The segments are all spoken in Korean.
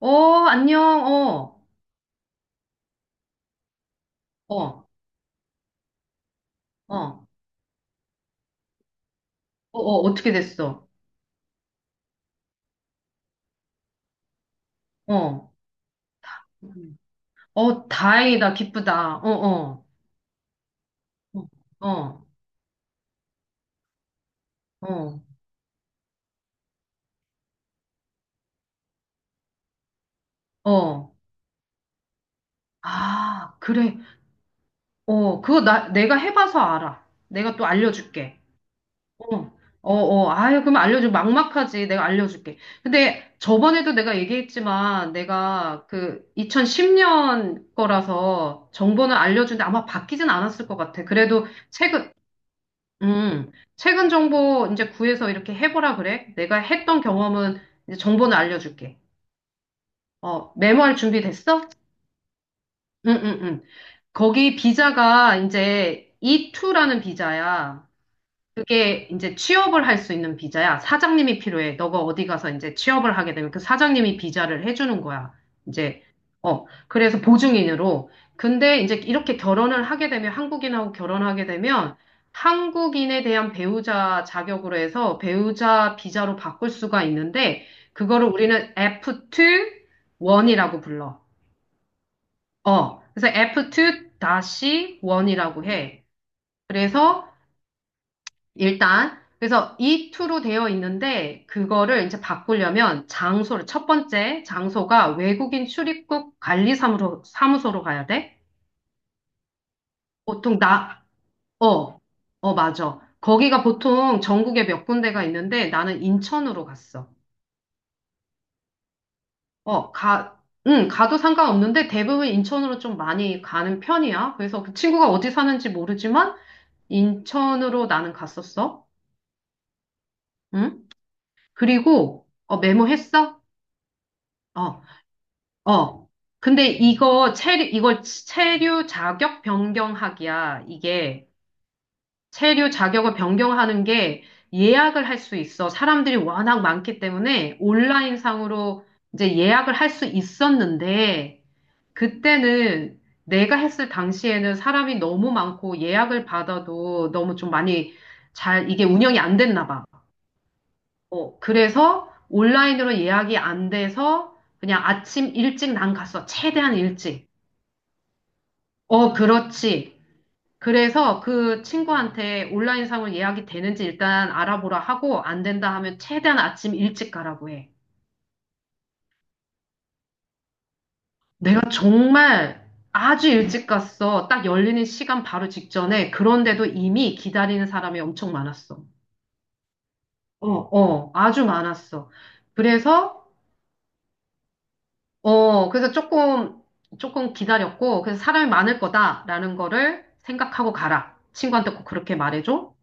어, 안녕. 어, 어, 어, 어, 어, 어떻게 됐어? 어. 음. 어, 다행이다, 기쁘다, 어, 어, 어, 어, 어, 어. 아, 그래. 어, 그거 내가 해봐서 알아. 내가 또 알려줄게. 어, 어, 어, 아유, 그럼 알려줘. 막막하지. 내가 알려줄게. 근데 저번에도 내가 얘기했지만, 내가 그 2010년 거라서 정보는 알려주는데 아마 바뀌진 않았을 것 같아. 그래도 최근, 최근 정보 이제 구해서 이렇게 해보라 그래. 내가 했던 경험은 이제 정보는 알려줄게. 어, 메모할 준비 됐어? 응, 응, 응. 거기 비자가 이제 E2라는 비자야. 그게 이제 취업을 할 수 있는 비자야. 사장님이 필요해. 너가 어디 가서 이제 취업을 하게 되면 그 사장님이 비자를 해주는 거야. 이제, 어, 그래서 보증인으로. 근데 이제 이렇게 결혼을 하게 되면, 한국인하고 결혼하게 되면, 한국인에 대한 배우자 자격으로 해서 배우자 비자로 바꿀 수가 있는데, 그거를 우리는 F2-1이라고 불러. 어, 그래서 F2-1이라고 해. 그래서 일단 그래서 이 투로 되어 있는데 그거를 이제 바꾸려면 장소를 첫 번째 장소가 외국인 출입국 관리 사무소로 가야 돼. 보통 나 어, 어 맞아. 거기가 보통 전국에 몇 군데가 있는데 나는 인천으로 갔어. 어, 가 응, 가도 상관없는데 대부분 인천으로 좀 많이 가는 편이야. 그래서 그 친구가 어디 사는지 모르지만 인천으로 나는 갔었어. 응? 그리고 어 메모했어? 어. 어. 근데 이거 체류 자격 변경하기야. 이게 체류 자격을 변경하는 게 예약을 할 수 있어. 사람들이 워낙 많기 때문에 온라인상으로 이제 예약을 할 수 있었는데 그때는 내가 했을 당시에는 사람이 너무 많고 예약을 받아도 너무 좀 많이 잘 이게 운영이 안 됐나 봐. 어, 그래서 온라인으로 예약이 안 돼서 그냥 아침 일찍 난 갔어. 최대한 일찍. 어, 그렇지. 그래서 그 친구한테 온라인 상을 예약이 되는지 일단 알아보라 하고 안 된다 하면 최대한 아침 일찍 가라고 해. 내가 정말 아주 일찍 갔어. 딱 열리는 시간 바로 직전에. 그런데도 이미 기다리는 사람이 엄청 많았어. 어, 어, 아주 많았어. 그래서, 어, 그래서 조금 기다렸고, 그래서 사람이 많을 거다라는 거를 생각하고 가라. 친구한테 꼭 그렇게 말해줘.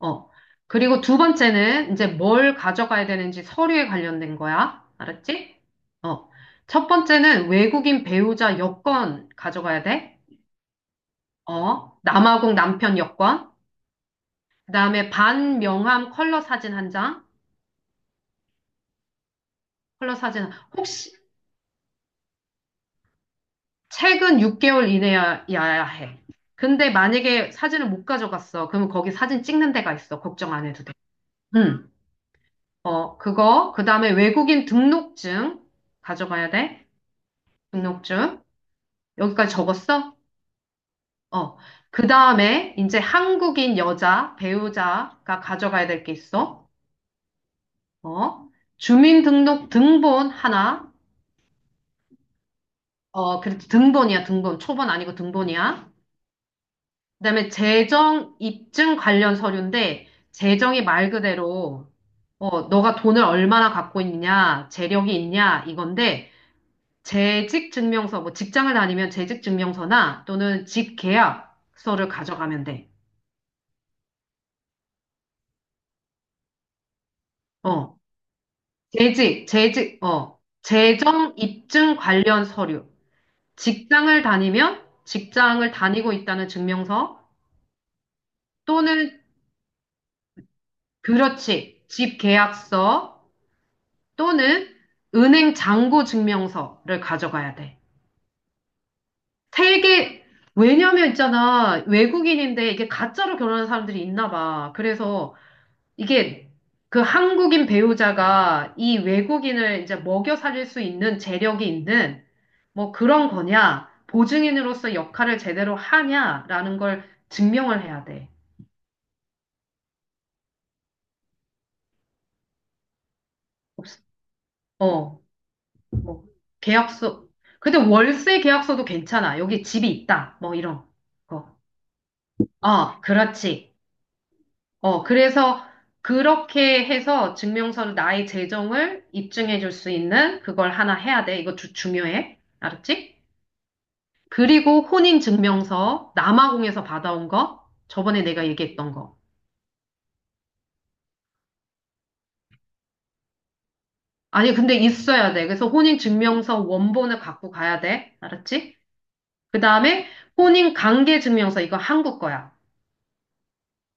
어. 그리고 두 번째는 이제 뭘 가져가야 되는지 서류에 관련된 거야. 알았지? 어. 첫 번째는 외국인 배우자 여권 가져가야 돼. 어. 남아공 남편 여권. 그다음에 반명함 컬러 사진 한 장. 혹시 최근 6개월 이내여야 해. 근데 만약에 사진을 못 가져갔어. 그러면 거기 사진 찍는 데가 있어. 걱정 안 해도 돼. 응. 어, 그거. 그다음에 외국인 등록증 가져가야 돼. 등록증. 여기까지 적었어? 어. 그 다음에 이제 한국인 여자 배우자가 가져가야 될 게 있어. 어. 주민등록 등본 하나. 어, 그래도 등본이야, 등본. 초본 아니고 등본이야. 그다음에 재정 입증 관련 서류인데 재정이 말 그대로 어, 너가 돈을 얼마나 갖고 있냐, 재력이 있냐 이건데 재직 증명서 뭐 직장을 다니면 재직 증명서나 또는 집 계약서를 가져가면 돼. 어. 어, 재정 입증 관련 서류, 직장을 다니면 직장을 다니고 있다는 증명서 또는 그렇지, 집 계약서 또는 은행 잔고 증명서를 가져가야 돼. 세 개, 왜냐면 있잖아, 외국인인데 이게 가짜로 결혼하는 사람들이 있나 봐. 그래서 이게 그 한국인 배우자가 이 외국인을 이제 먹여 살릴 수 있는 재력이 있는 뭐 그런 거냐, 보증인으로서 역할을 제대로 하냐라는 걸 증명을 해야 돼. 없- 어, 뭐, 계약서. 근데 월세 계약서도 괜찮아. 여기 집이 있다. 뭐 이런 거. 어, 그렇지. 어, 그래서 그렇게 해서 증명서를 나의 재정을 입증해 줄 수 있는 그걸 하나 해야 돼. 이거 중요해. 알았지? 그리고 혼인증명서, 남아공에서 받아온 거, 저번에 내가 얘기했던 거. 아니, 근데 있어야 돼. 그래서 혼인증명서 원본을 갖고 가야 돼. 알았지? 그 다음에 혼인관계증명서, 이거 한국 거야.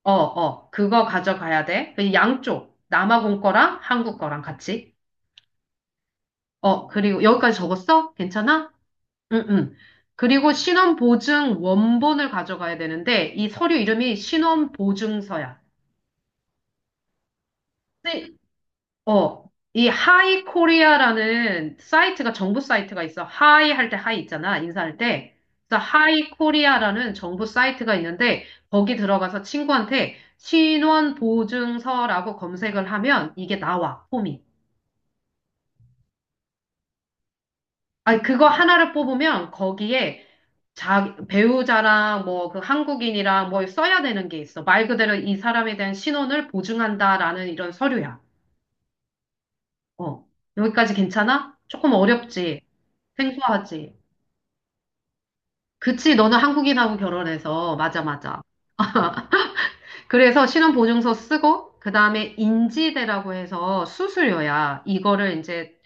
어, 어, 그거 가져가야 돼. 그 양쪽, 남아공 거랑 한국 거랑 같이. 어, 그리고 여기까지 적었어? 괜찮아? 응, 응. 그리고 신원보증 원본을 가져가야 되는데, 이 서류 이름이 신원보증서야. 어, 이 하이 코리아라는 사이트가 정부 사이트가 있어. 하이 할 때 하이 있잖아. 인사할 때. 그래서 하이 코리아라는 정부 사이트가 있는데 거기 들어가서 친구한테 신원 보증서라고 검색을 하면 이게 나와. 폼이. 아, 그거 하나를 뽑으면 거기에 자, 배우자랑 뭐 그 한국인이랑 뭐 써야 되는 게 있어. 말 그대로 이 사람에 대한 신원을 보증한다라는 이런 서류야. 어, 여기까지 괜찮아? 조금 어렵지. 생소하지. 그치, 너는 한국인하고 결혼해서. 맞아, 맞아. 그래서 신혼보증서 쓰고, 그 다음에 인지대라고 해서 수수료야. 이거를 이제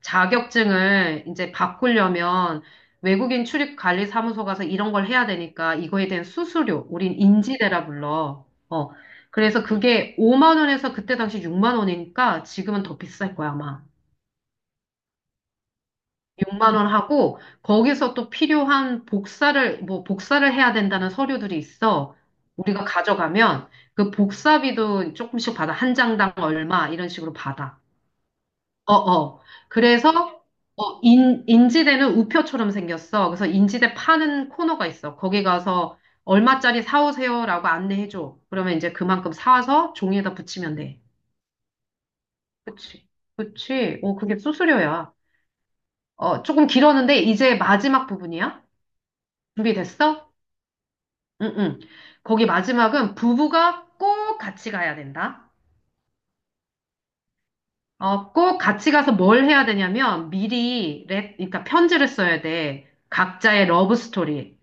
자격증을 이제 바꾸려면 외국인 출입관리사무소 가서 이런 걸 해야 되니까 이거에 대한 수수료, 우린 인지대라 불러. 어. 그래서 그게 5만 원에서 그때 당시 6만 원이니까 지금은 더 비쌀 거야, 아마. 6만 원 하고 거기서 또 필요한 복사를 뭐 복사를 해야 된다는 서류들이 있어. 우리가 가져가면 그 복사비도 조금씩 받아. 한 장당 얼마 이런 식으로 받아. 어, 어. 그래서 어, 인지대는 우표처럼 생겼어. 그래서 인지대 파는 코너가 있어. 거기 가서 얼마짜리 사오세요라고 안내해줘. 그러면 이제 그만큼 사와서 종이에다 붙이면 돼. 그치. 그치. 어, 그게 수수료야. 어, 조금 길었는데 이제 마지막 부분이야. 준비됐어? 응, 응. 거기 마지막은 부부가 꼭 같이 가야 된다. 어, 꼭 같이 가서 뭘 해야 되냐면 미리 랩, 그러니까 편지를 써야 돼. 각자의 러브 스토리.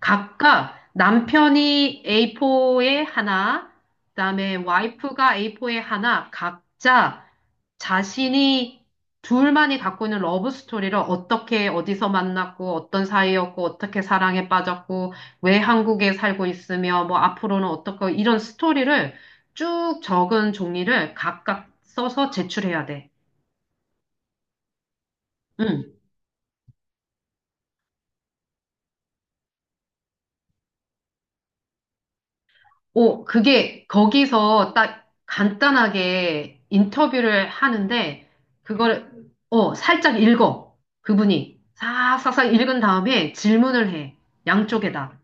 각각 남편이 A4에 하나, 그다음에 와이프가 A4에 하나, 각자 자신이 둘만이 갖고 있는 러브 스토리를 어떻게 어디서 만났고 어떤 사이였고 어떻게 사랑에 빠졌고 왜 한국에 살고 있으며 뭐 앞으로는 어떻게 이런 스토리를 쭉 적은 종이를 각각 써서 제출해야 돼. 응. 오, 그게 거기서 딱 간단하게 인터뷰를 하는데, 그걸, 어, 살짝 읽어. 그분이. 싹싹싹 읽은 다음에 질문을 해. 양쪽에다.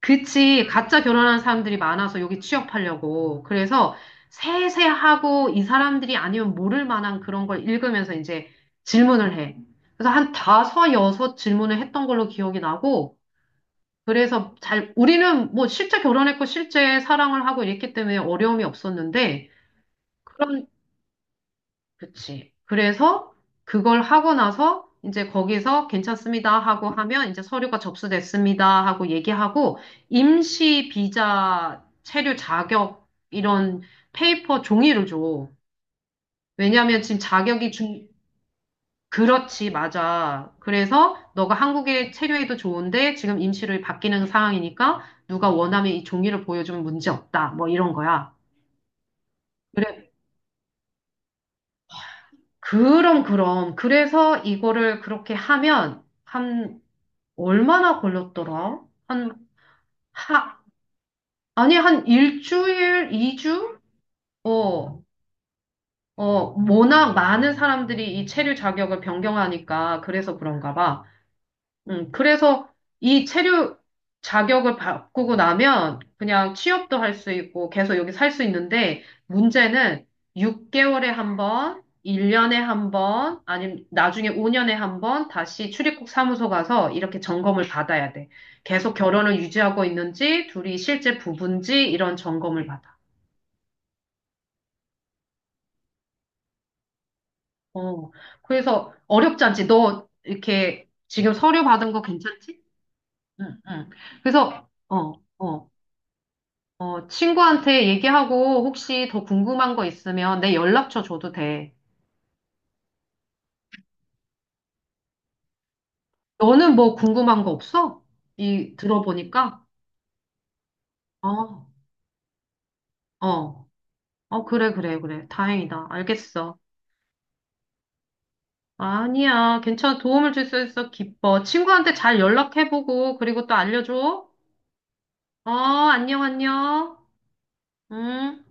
그치. 가짜 결혼한 사람들이 많아서 여기 취업하려고. 그래서 세세하고 이 사람들이 아니면 모를 만한 그런 걸 읽으면서 이제 질문을 해. 그래서 한 다섯, 여섯 질문을 했던 걸로 기억이 나고, 그래서 잘, 우리는 뭐 실제 결혼했고 실제 사랑을 하고 이랬기 때문에 어려움이 없었는데, 그런, 그치. 그래서 그걸 하고 나서 이제 거기서 괜찮습니다 하고 하면 이제 서류가 접수됐습니다 하고 얘기하고, 임시 비자 체류 자격 이런 페이퍼 종이를 줘. 왜냐하면 지금 자격이 중, 그렇지. 맞아. 그래서 너가 한국에 체류해도 좋은데 지금 임시로 바뀌는 상황이니까 누가 원하면 이 종이를 보여주면 문제 없다. 뭐 이런 거야. 그래. 그럼 그럼. 그래서 이거를 그렇게 하면 한 얼마나 걸렸더라? 한 하, 아니 한 일주일, 이주? 어. 어, 워낙 많은 사람들이 이 체류 자격을 변경하니까 그래서 그런가 봐. 그래서 이 체류 자격을 바꾸고 나면 그냥 취업도 할 수 있고 계속 여기 살 수 있는데 문제는 6개월에 한 번, 1년에 한 번, 아니면 나중에 5년에 한 번 다시 출입국 사무소 가서 이렇게 점검을 받아야 돼. 계속 결혼을 유지하고 있는지, 둘이 실제 부부인지 이런 점검을 받아. 어, 그래서 어렵지 않지? 너 이렇게 지금 서류 받은 거 괜찮지? 응, 응. 그래서, 어, 어. 어, 친구한테 얘기하고 혹시 더 궁금한 거 있으면 내 연락처 줘도 돼. 너는 뭐 궁금한 거 없어? 이 들어보니까. 어, 어, 어, 그래, 그래, 그래. 다행이다. 알겠어. 아니야. 괜찮아. 도움을 줄 수 있어. 기뻐. 친구한테 잘 연락해보고, 그리고 또 알려줘. 어, 안녕, 안녕. 음.